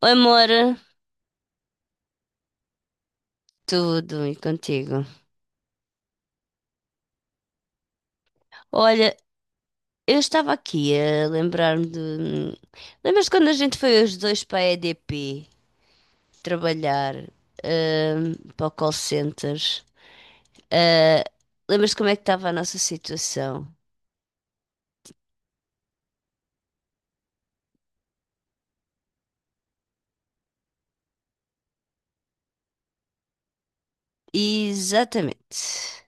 Oi, amor, tudo e contigo? Olha, eu estava aqui a lembrar-me de. Lembras-te quando a gente foi os dois para a E D P trabalhar, para o call center? Ah, lembras-te como é que estava a nossa situação? Exatamente.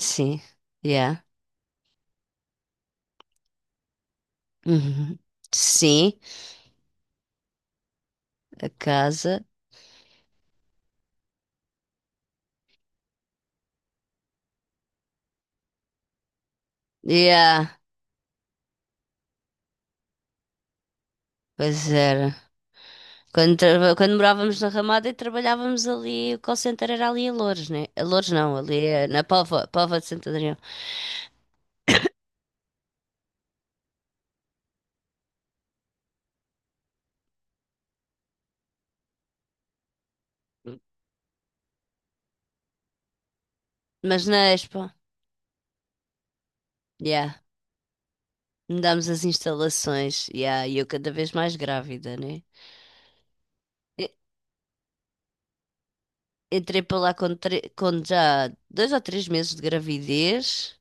Sim, yeah. Uhum. Sim, a casa. Yeah, pois era. Quando, quando morávamos na Ramada e trabalhávamos ali, o call center era ali a Loures, né? A Loures não, ali na Póvoa, Póvoa de Santo Adrião. Mas na Expo, yeah, mudámos as instalações, yeah, e eu cada vez mais grávida, né? E- Entrei para lá com, com já 2 ou 3 meses de gravidez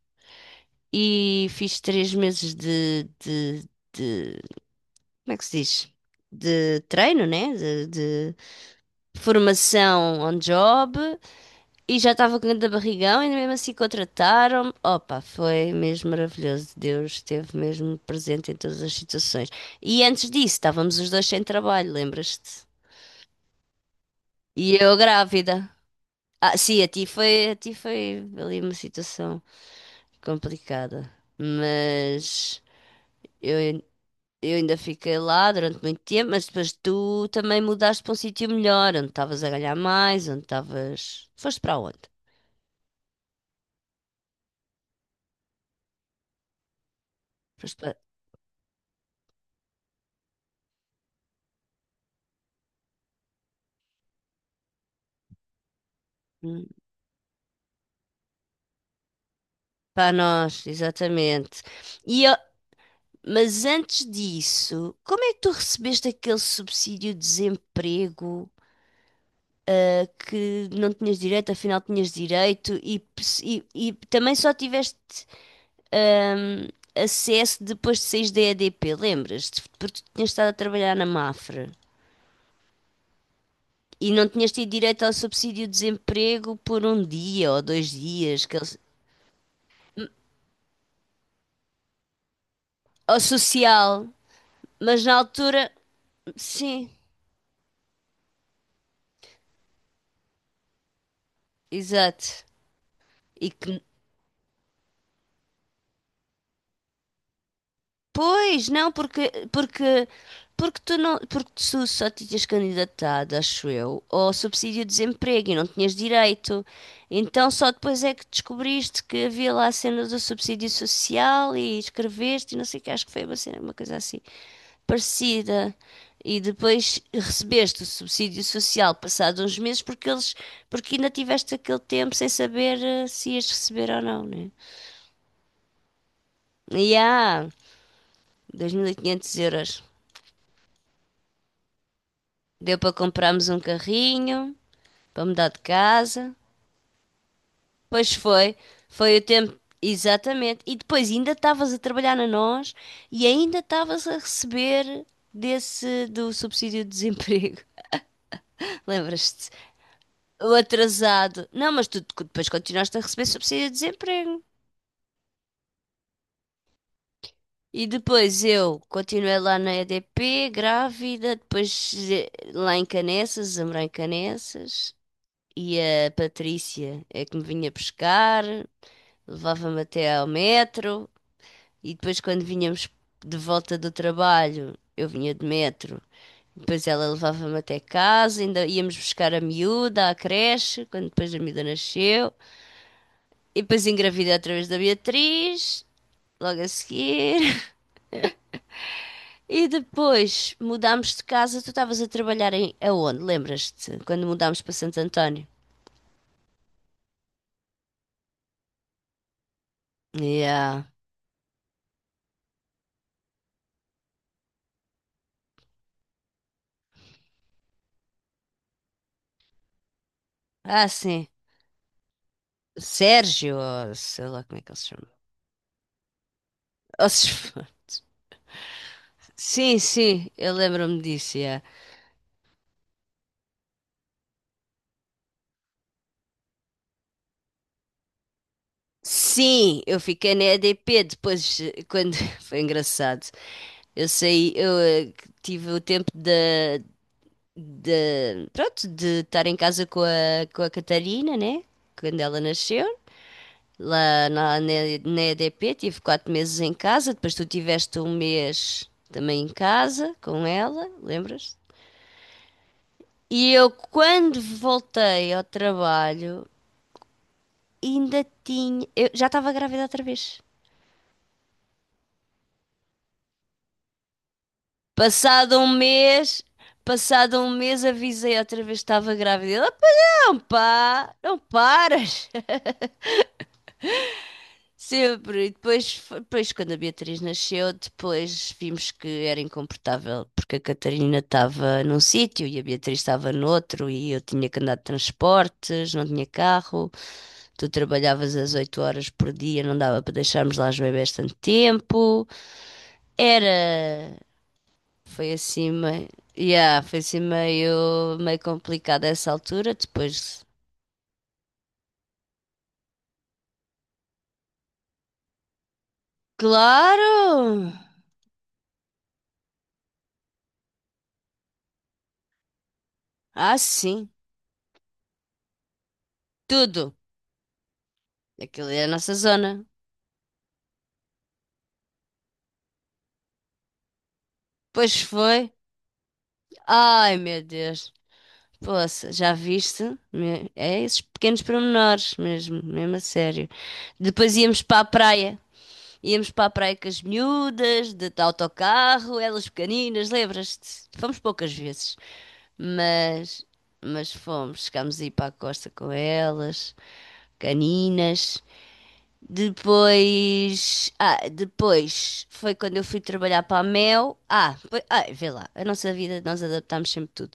e fiz 3 meses de como é que se diz? De treino, né? De formação on job. E já estava com grande barrigão, e mesmo assim contrataram-me. Opa, foi mesmo maravilhoso. Deus esteve mesmo presente em todas as situações. E antes disso, estávamos os dois sem trabalho, lembras-te? E eu grávida. Ah, sim, a ti foi ali uma situação complicada. Mas eu, ain- eu ainda fiquei lá durante muito tempo, mas depois tu também mudaste para um sítio melhor, onde estavas a ganhar mais, onde estavas. Foste para onde? Foste para. Hum, para nós, exatamente. E, ó, mas antes disso, como é que tu recebeste aquele subsídio de desemprego, ah, que não tinhas direito, afinal tinhas direito, e, e também só tiveste, ahm, acesso depois de saís da EDP, lembras-te? Porque tu tinhas estado a trabalhar na Mafra. E não tinhas tido direito ao subsídio de desemprego por um dia ou dois dias, que ao social, mas na altura, sim, exato. E que pois, não, porque tu não, porque tu só te tinhas candidatado, acho eu, ao subsídio de desemprego e não tinhas direito. Então só depois é que descobriste que havia lá a cena do subsídio social e escreveste e não sei o que, acho que foi uma cena, uma coisa assim parecida. E depois recebeste o subsídio social passado uns meses porque eles, porque ainda tiveste aquele tempo sem saber se ias receber ou não, né? E há 2.500 euros. Deu para comprarmos um carrinho, para mudar de casa. Pois foi, foi o tempo, exatamente. E depois ainda estavas a trabalhar na nós e ainda estavas a receber desse do subsídio de desemprego. Lembras-te? O atrasado. Não, mas tu depois continuaste a receber subsídio de desemprego. E depois eu continuei lá na EDP, grávida, depois lá em Caneças, a morar em Caneças. E a Patrícia é que me vinha pescar. Levava-me até ao metro e depois quando vinhamos de volta do trabalho, eu vinha de metro. Depois ela levava-me até casa, ainda íamos buscar a miúda à creche, quando depois a miúda nasceu. E depois engravidei através da Beatriz, logo a seguir. E depois mudámos de casa, tu estavas a trabalhar em aonde? Lembras-te? Quando mudámos para Santo António. Yeah. Ah, sim. Sérgio, ou sei lá como é que ele se chama. Ou se- Sim, sim, eu lembro-me disso, yeah. Sim, eu fiquei na EDP depois, quando... Foi engraçado. Eu saí, eu eh, tive o tempo de, pronto, de estar em casa com a Catarina, né? Quando ela nasceu. Lá na EDP tive 4 meses em casa, depois tu tiveste 1 mês também em casa com ela, lembras? E eu, quando voltei ao trabalho, ainda tinha. Eu já estava grávida outra vez. Passado 1 mês, passado um mês avisei outra vez que estava grávida. Ela, não pá, não paras. Sempre. E depois, depois, quando a Beatriz nasceu, depois vimos que era incomportável, porque a Catarina estava num sítio e a Beatriz estava no outro, e eu tinha que andar de transportes, não tinha carro. Tu trabalhavas às 8 horas por dia, não dava para deixarmos lá os bebés tanto tempo. Era foi assim meio. Yeah, foi assim meio complicado essa altura. Depois. Claro! Ah, sim. Tudo. Aquilo é a nossa zona. Pois foi. Ai, meu Deus. Poxa, já viste? É esses pequenos pormenores mesmo, mesmo a sério. Depois íamos para a praia. Íamos para a praia com as miúdas, de autocarro, elas pequeninas, lembras-te? Fomos poucas vezes. Mas, mas fomos, chegámos a ir para a costa com elas, caninas. Depois, ah, depois foi quando eu fui trabalhar para a Mel. Ah, foi, ah, vê lá, a nossa vida nós adaptámos sempre tudo.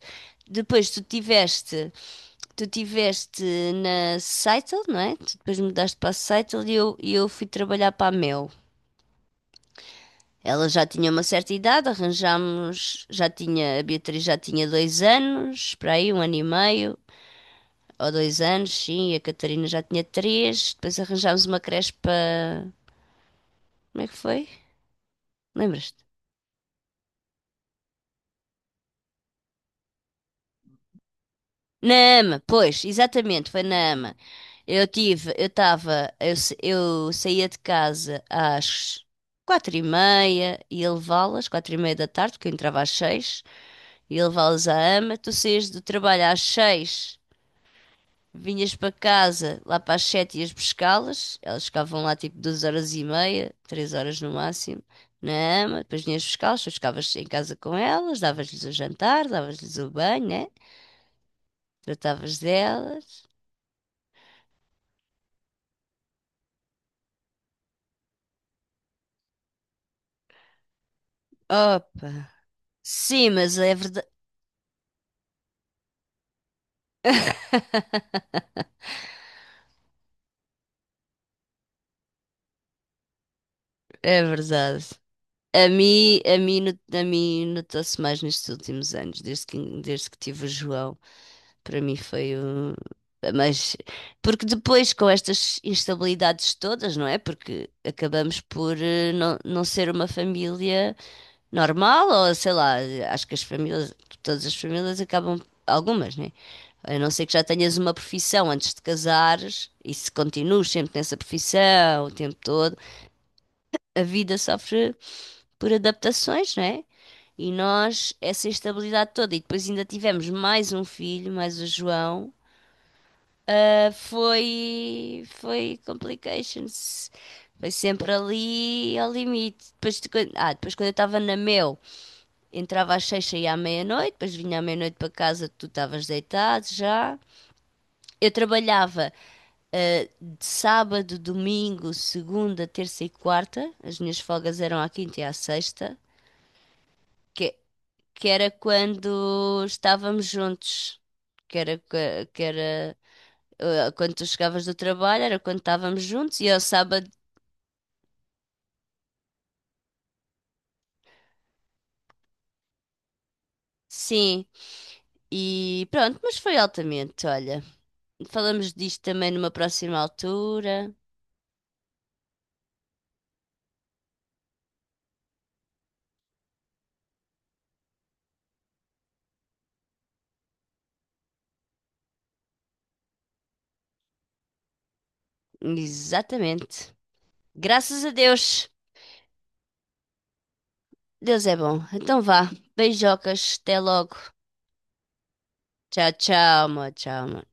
Depois tu tiveste na Seitel, não é? Tu depois mudaste para a Seitel e eu fui trabalhar para a Mel. Ela já tinha uma certa idade, arranjámos, já tinha, a Beatriz já tinha 2 anos, para aí, 1 ano e meio, ou 2 anos, sim, e a Catarina já tinha três. Depois arranjámos uma creche para. Como é que foi? Lembras-te? Na AMA, pois, exatamente, foi na AMA. Eu tive, eu estava, eu saía de casa às quatro e meia e ia levá-las, quatro e meia da tarde, porque eu entrava às seis, ia levá-las à AMA. Tu saías do trabalho às seis. Vinhas para casa lá para as sete, ias buscá-las, elas ficavam lá tipo 2 horas e meia, 3 horas no máximo, na ama, depois vinhas buscá-las, depois ficavas em casa com elas, davas-lhes o jantar, davas-lhes o banho, né? Tratavas delas. Opa! Sim, mas é verdade. É verdade. A mim, a mim notou-se mais nestes últimos anos, desde que tive o João. Para mim foi um... Mas, porque depois com estas instabilidades todas, não é? Porque acabamos por não, não ser uma família normal, ou sei lá, acho que as famílias, todas as famílias acabam, algumas, né? A não ser que já tenhas uma profissão antes de casares e se continuas sempre nessa profissão o tempo todo, a vida sofre por adaptações, né? E nós, essa instabilidade toda, e depois ainda tivemos mais um filho, mais o João, ah, foi, foi complications. Foi sempre ali ao limite. Depois, de ah, depois quando eu estava na Mel, entrava às seis, saía à meia-noite, depois vinha à meia-noite para casa, tu estavas deitado já. Eu trabalhava, ah, de sábado, domingo, segunda, terça e quarta. As minhas folgas eram à quinta e à sexta, que, que era quando estávamos juntos. Que era eh, quando tu chegavas do trabalho, era quando estávamos juntos, e ao sábado, sim. E pronto, mas foi altamente, olha. Falamos disto também numa próxima altura. Exatamente. Graças a Deus. Deus é bom. Então vá. Beijocas. Até logo. Tchau, tchau, amor. Tchau, amor.